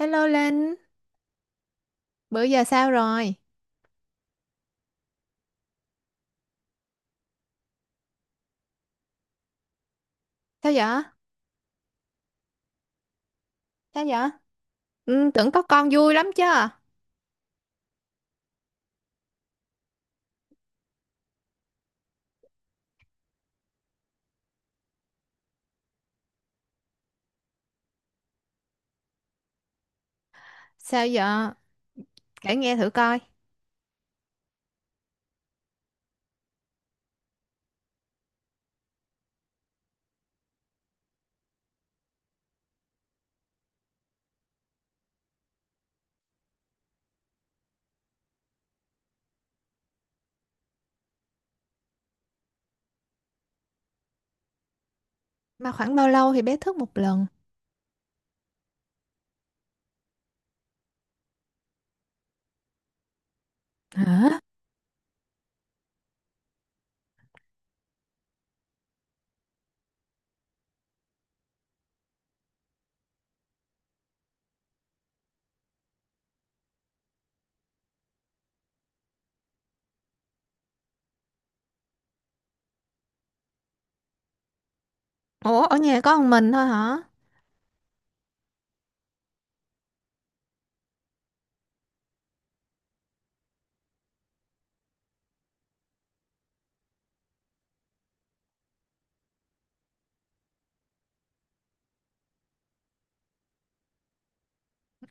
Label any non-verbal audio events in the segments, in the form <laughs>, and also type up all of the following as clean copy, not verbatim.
Hello Linh, bữa giờ sao rồi? Sao vậy? Sao vậy? Ừ, tưởng có con vui lắm chứ. Sao vậy? Kể nghe thử coi. Mà khoảng bao lâu thì bé thức một lần? Hả? Ủa, ở nhà có một mình thôi hả?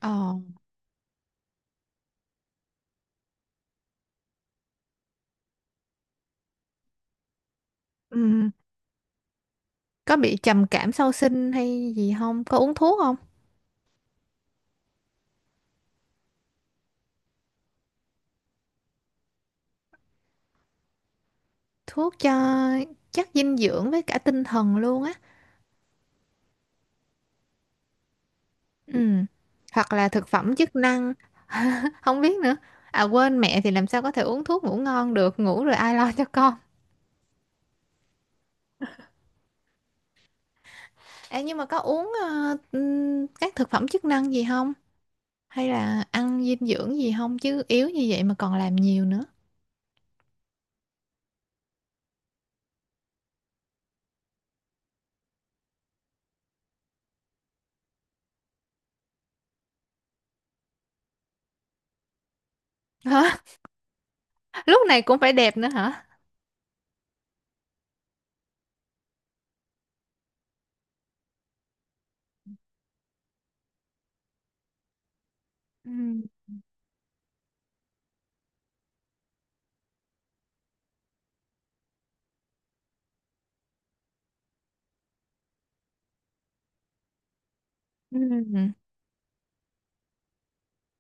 Ồ, ừ. Có bị trầm cảm sau sinh hay gì không? Có uống thuốc không? Thuốc cho chất dinh dưỡng với cả tinh thần luôn á. Ừ. Hoặc là thực phẩm chức năng, <laughs> không biết nữa. À quên mẹ thì làm sao có thể uống thuốc ngủ ngon được, ngủ rồi ai lo cho con. Ê, nhưng mà có uống các thực phẩm chức năng gì không? Hay là ăn dinh dưỡng gì không? Chứ yếu như vậy mà còn làm nhiều nữa. Hả? <laughs> Lúc này cũng phải đẹp nữa hả? Ừ. Ừ.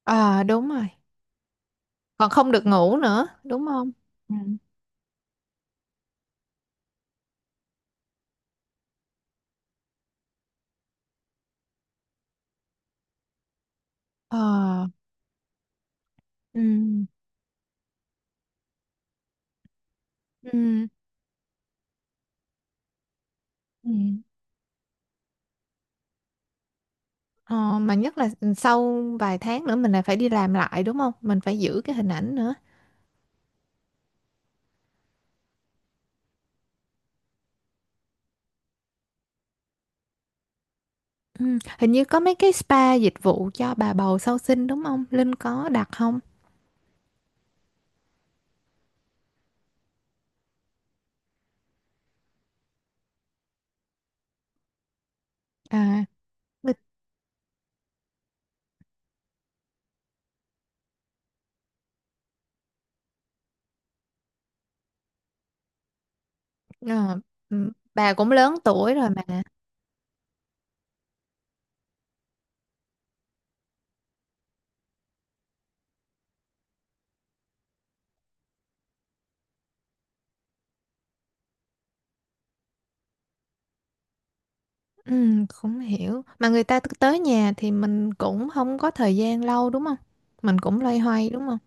Ờ đúng rồi. Còn không được ngủ nữa, đúng không? Ừ. Ờ. Ừ. Ừ. Ừ. Ờ, mà nhất là sau vài tháng nữa mình lại phải đi làm lại đúng không? Mình phải giữ cái hình ảnh nữa. Ừ. Hình như có mấy cái spa dịch vụ cho bà bầu sau sinh đúng không? Linh có đặt không? À. Người ờ, ừ, bà cũng lớn tuổi rồi mà. Ừ, cũng hiểu mà người ta tới nhà thì mình cũng không có thời gian lâu đúng không, mình cũng loay hoay đúng không.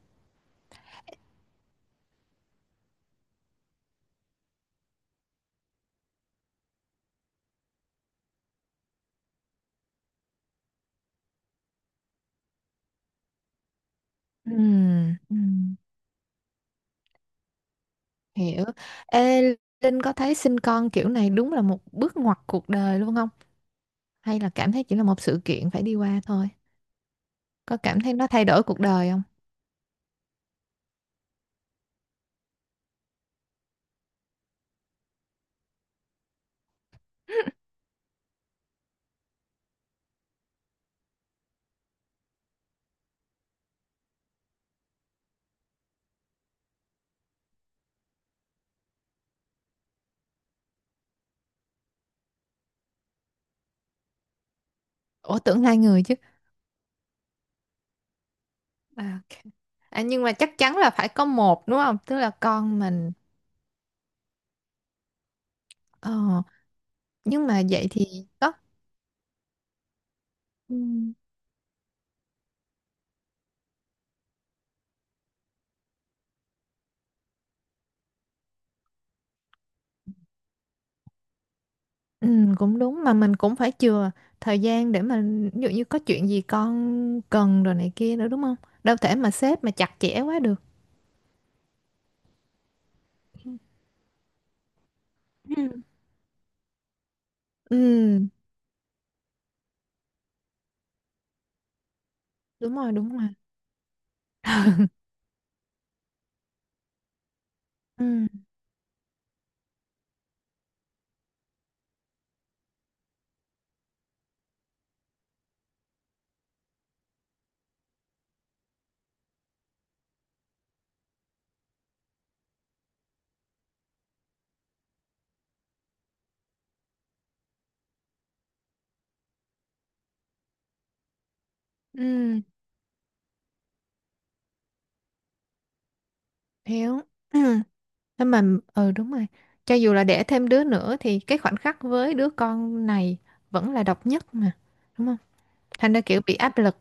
Ừ, ừ, hiểu. Ê, Linh có thấy sinh con kiểu này đúng là một bước ngoặt cuộc đời luôn không, hay là cảm thấy chỉ là một sự kiện phải đi qua thôi, có cảm thấy nó thay đổi cuộc đời không? <laughs> Ủa tưởng hai người chứ. À, ok. À, nhưng mà chắc chắn là phải có một đúng không, tức là con mình. Ờ, nhưng mà vậy thì có ừ. Ừ, cũng đúng mà mình cũng phải chừa thời gian để mà ví dụ như có chuyện gì con cần rồi này kia nữa đúng không? Đâu thể mà xếp mà chặt chẽ quá được. Ừ. Ừ, đúng rồi, đúng rồi. Ừ, ừ, hiểu. Ừ. Thế mà ừ đúng rồi. Cho dù là đẻ thêm đứa nữa thì cái khoảnh khắc với đứa con này vẫn là độc nhất mà, đúng không? Thành ra kiểu bị áp lực.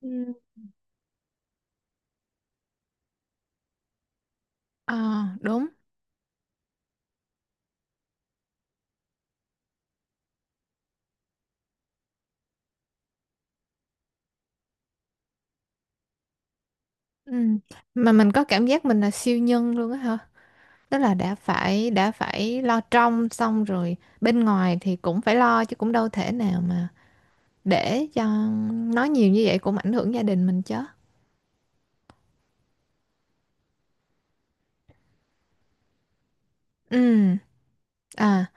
Ừ. Ờ, đúng. Ừ. Mà mình có cảm giác mình là siêu nhân luôn á hả? Tức là đã phải lo trong xong rồi bên ngoài thì cũng phải lo chứ cũng đâu thể nào mà để cho nói nhiều như vậy cũng ảnh hưởng gia đình mình chứ. Ừ. À.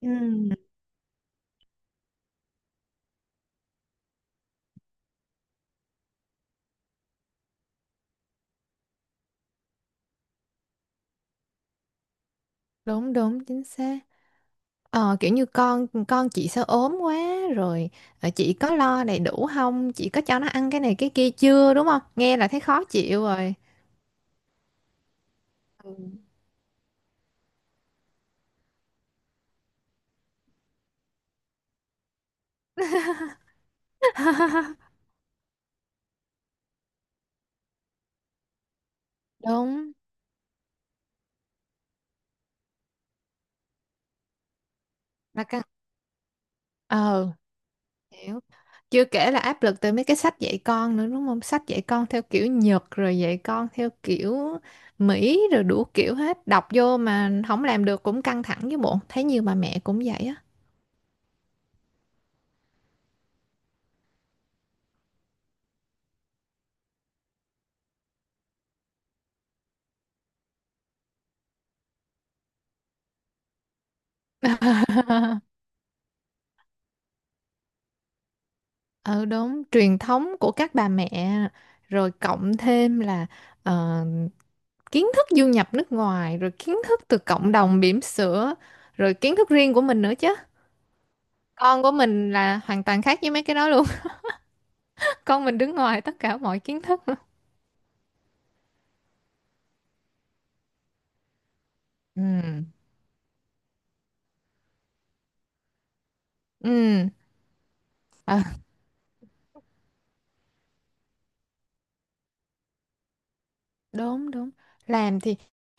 Ừ. Đúng đúng chính xác. Ờ, kiểu như con chị sao ốm quá rồi. Ờ, chị có lo đầy đủ không, chị có cho nó ăn cái này cái kia chưa đúng không, nghe là thấy khó chịu rồi. <laughs> Đúng là căng. Ờ. Hiểu. Chưa kể là áp lực từ mấy cái sách dạy con nữa đúng không? Sách dạy con theo kiểu Nhật rồi dạy con theo kiểu Mỹ rồi đủ kiểu hết. Đọc vô mà không làm được cũng căng thẳng với bộ. Thấy nhiều bà mẹ cũng vậy á. <laughs> Ừ đúng, truyền thống của các bà mẹ rồi cộng thêm là ờ, kiến thức du nhập nước ngoài rồi kiến thức từ cộng đồng bỉm sữa rồi kiến thức riêng của mình nữa chứ. Con của mình là hoàn toàn khác với mấy cái đó luôn. <laughs> Con mình đứng ngoài tất cả mọi kiến thức. Ừ. Ừ, ờ, đúng đúng. Làm thì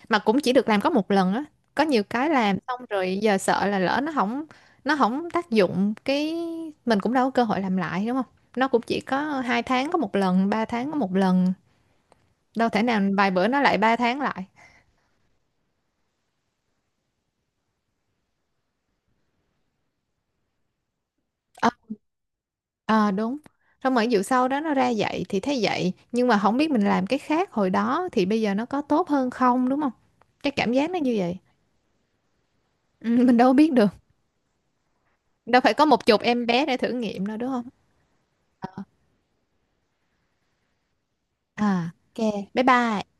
mà cũng chỉ được làm có một lần á. Có nhiều cái làm xong rồi giờ sợ là lỡ nó không, nó không tác dụng cái mình cũng đâu có cơ hội làm lại đúng không? Nó cũng chỉ có hai tháng có một lần, ba tháng có một lần. Đâu thể nào vài bữa nó lại ba tháng lại. Ờ ờ, đúng. Xong rồi vụ sau đó nó ra vậy thì thấy vậy, nhưng mà không biết mình làm cái khác hồi đó thì bây giờ nó có tốt hơn không đúng không? Cái cảm giác nó như vậy. Ừ, mình đâu biết được. Đâu phải có một chục em bé để thử nghiệm đâu đúng không? À, ok. Bye bye.